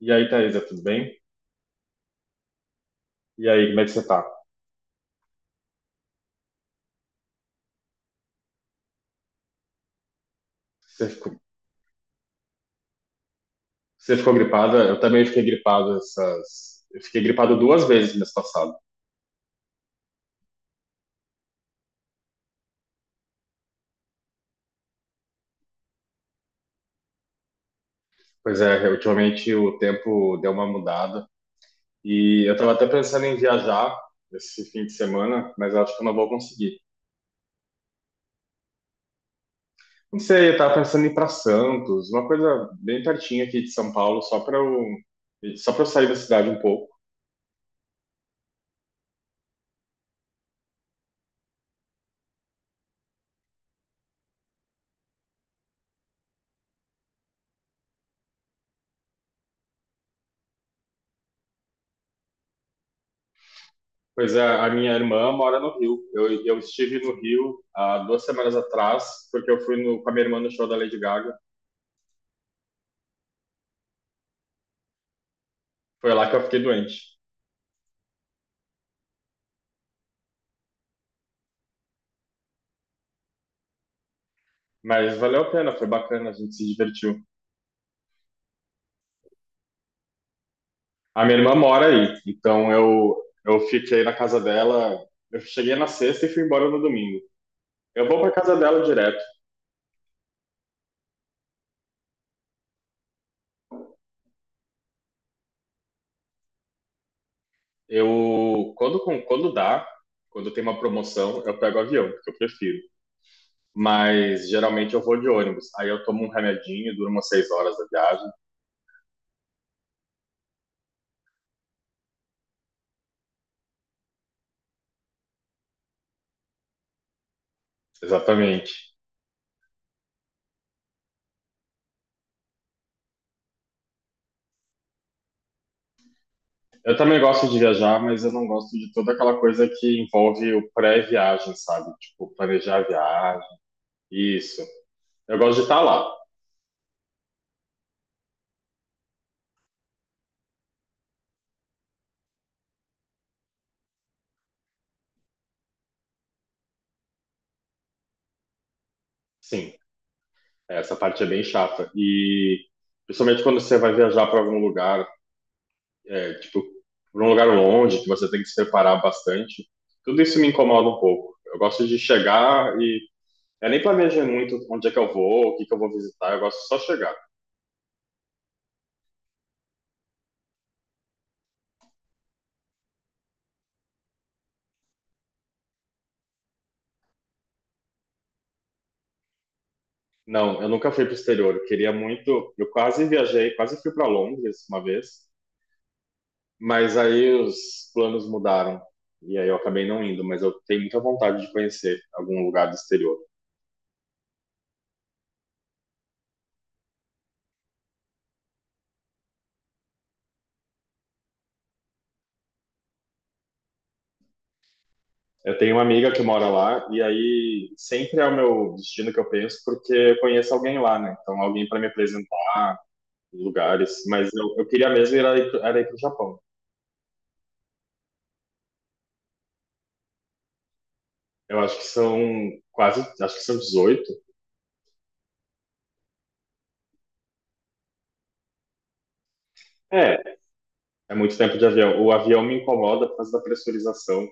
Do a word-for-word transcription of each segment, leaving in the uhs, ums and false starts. E aí, Thaisa, tudo bem? E aí, como é que você tá? Você ficou, você ficou gripada? Eu também fiquei gripado essas. Eu fiquei gripado duas vezes mês passado. Pois é, ultimamente o tempo deu uma mudada. E eu tava até pensando em viajar esse fim de semana, mas eu acho que eu não vou conseguir. Não sei, eu tava pensando em ir pra Santos, uma coisa bem pertinho aqui de São Paulo, só pra eu, só pra eu sair da cidade um pouco. Pois é, a minha irmã mora no Rio. Eu, eu estive no Rio há duas semanas atrás, porque eu fui no, com a minha irmã no show da Lady Gaga. Foi lá que eu fiquei doente. Mas valeu a pena, foi bacana, a gente se divertiu. A minha irmã mora aí, então eu, eu fiquei na casa dela. Eu cheguei na sexta e fui embora no domingo. Eu vou para casa dela direto. Eu, quando, com- quando dá, quando tem uma promoção, eu pego avião, porque eu prefiro. Mas geralmente eu vou de ônibus. Aí eu tomo um remedinho, dura umas seis horas da viagem. Exatamente. Eu também gosto de viajar, mas eu não gosto de toda aquela coisa que envolve o pré-viagem, sabe? Tipo, planejar a viagem, isso. Eu gosto de estar lá, sim. Essa parte é bem chata. E principalmente quando você vai viajar para algum lugar, é, tipo, para um lugar longe, que você tem que se preparar bastante, tudo isso me incomoda um pouco. Eu gosto de chegar e eu nem planejo muito onde é que eu vou, o que que eu vou visitar, eu gosto só de chegar. Não, eu nunca fui para o exterior. Eu queria muito. Eu quase viajei, quase fui para Londres uma vez, mas aí os planos mudaram e aí eu acabei não indo. Mas eu tenho muita vontade de conhecer algum lugar do exterior. Eu tenho uma amiga que mora lá e aí sempre é o meu destino que eu penso porque eu conheço alguém lá, né? Então alguém para me apresentar lugares. Mas eu, eu queria mesmo ir aí, era ir para o Japão. Eu acho que são quase, acho que são dezoito. É, é muito tempo de avião. O avião me incomoda por causa da pressurização.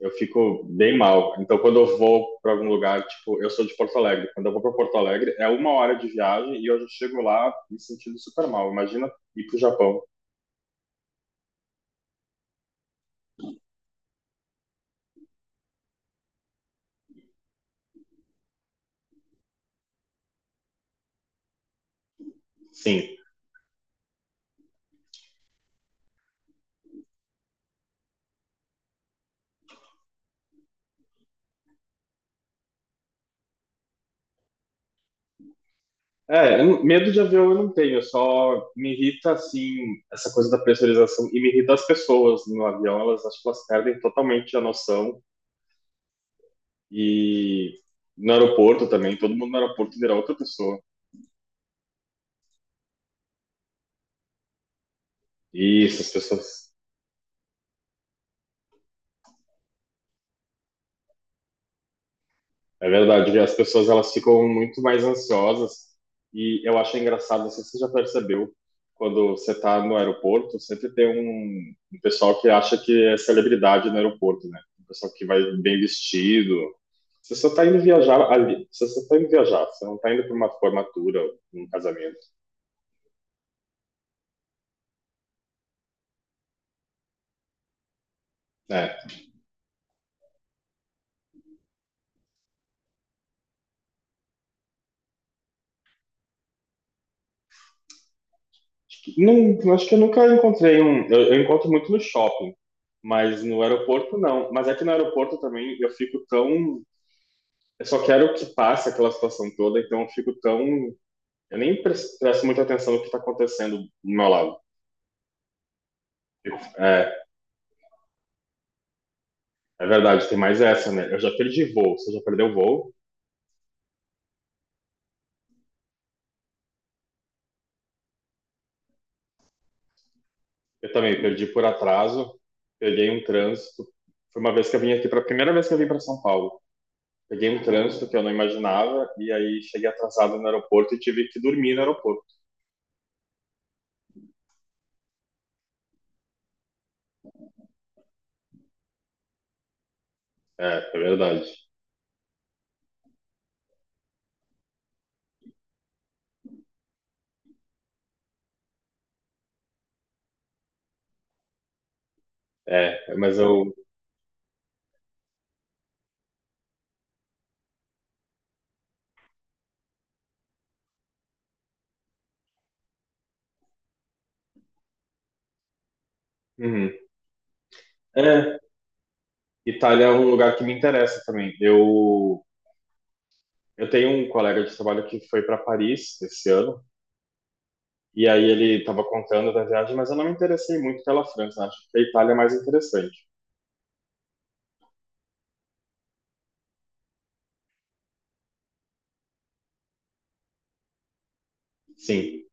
Eu fico bem mal. Então, quando eu vou para algum lugar, tipo, eu sou de Porto Alegre. Quando eu vou para Porto Alegre, é uma hora de viagem e eu já chego lá me sentindo super mal. Imagina ir para o Japão. Sim. É, eu não- medo de avião eu não tenho, só me irrita, assim, essa coisa da pressurização e me irrita as pessoas no avião. Elas, acho que elas perdem totalmente a noção. E no aeroporto também, todo mundo no aeroporto vira outra pessoa. E essas pessoas. É verdade, e as pessoas elas ficam muito mais ansiosas e eu acho engraçado, não sei se você já percebeu, quando você está no aeroporto, sempre tem um, um pessoal que acha que é celebridade no aeroporto, né? Um pessoal que vai bem vestido. Você só está indo viajar ali, você só está indo viajar, você não está indo para uma formatura, um casamento, né? Acho que, não, acho que eu nunca encontrei um, eu, eu encontro muito no shopping, mas no aeroporto não. Mas é que no aeroporto também eu fico tão. Eu só quero que passe aquela situação toda, então eu fico tão. Eu nem pres- presto muita atenção no que está acontecendo do meu lado. É, é verdade, tem mais essa, né? Eu já perdi voo, você já perdeu voo? Eu também perdi por atraso, peguei um trânsito. Foi uma vez que eu vim aqui, para a primeira vez que eu vim para São Paulo. Peguei um trânsito que eu não imaginava, e aí cheguei atrasado no aeroporto e tive que dormir no aeroporto. É, é verdade. É, mas eu. Uhum. É, Itália é um lugar que me interessa também. Eu Eu tenho um colega de trabalho que foi para Paris esse ano, e aí ele estava contando da viagem, mas eu não me interessei muito pela França, né? Acho que a Itália é mais interessante. Sim,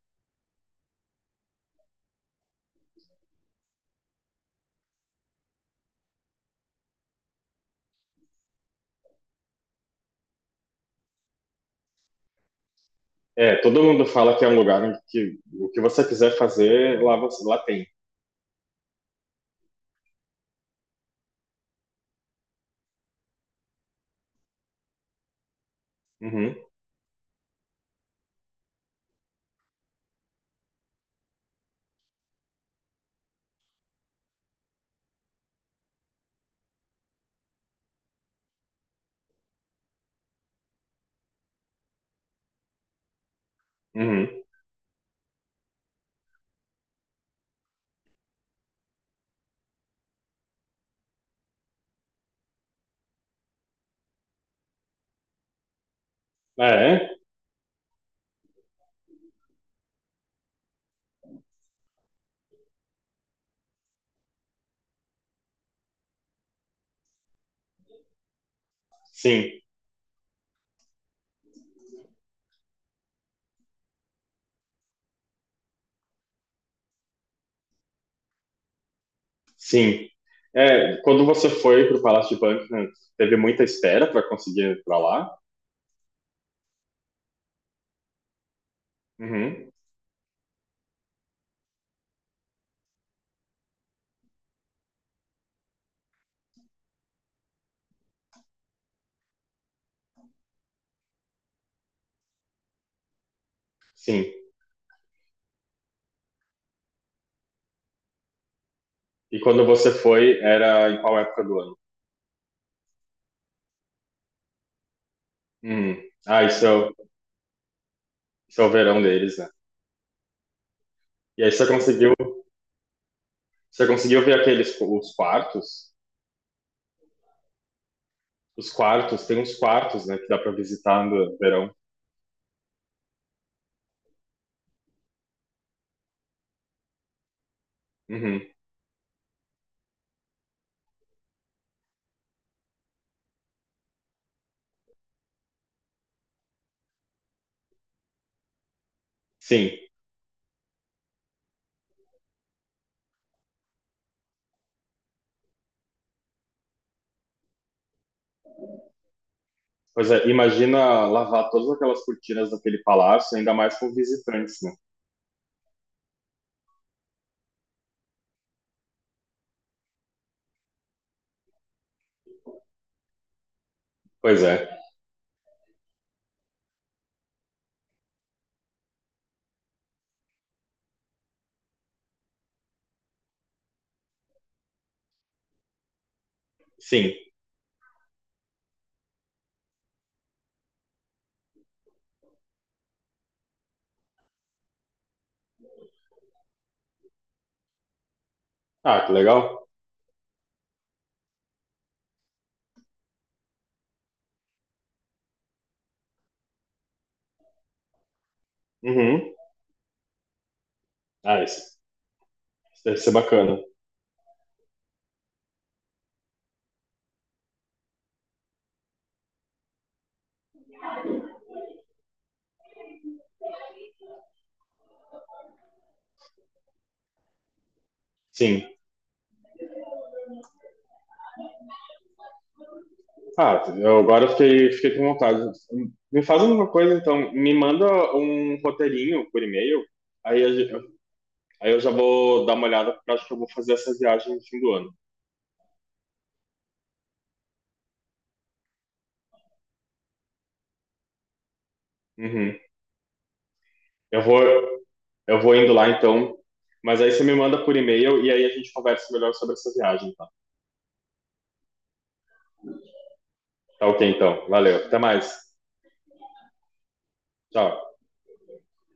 é, todo mundo fala que é um lugar em que o que você quiser fazer, lá, você, lá tem. Uhum, uhum. É, sim, sim. É, quando você foi para o Palácio de Buckingham, teve muita espera para conseguir ir para lá? Uhum, sim. E quando você foi, era em qual época do ano? Uhum. Ah, isso é, o, isso é o verão deles, né? E aí você conseguiu, você conseguiu ver aqueles os quartos? Os quartos, tem uns quartos, né, que dá para visitar no verão. Uhum. Sim. Pois é, imagina lavar todas aquelas cortinas daquele palácio, ainda mais com visitantes, né? Pois é. Sim. Ah, que legal. Uhum. Ah, isso, isso deve ser bacana. Sim. Ah, eu agora fiquei, fiquei com vontade. Me faz uma coisa, então. Me manda um roteirinho por e-mail. Aí, a gen- aí eu já vou dar uma olhada, porque eu acho que eu vou fazer essa viagem no fim do ano. Uhum. Eu vou, eu vou indo lá então, mas aí você me manda por e-mail e aí a gente conversa melhor sobre essa viagem, tá? Tá ok então. Valeu. Até mais. Tchau.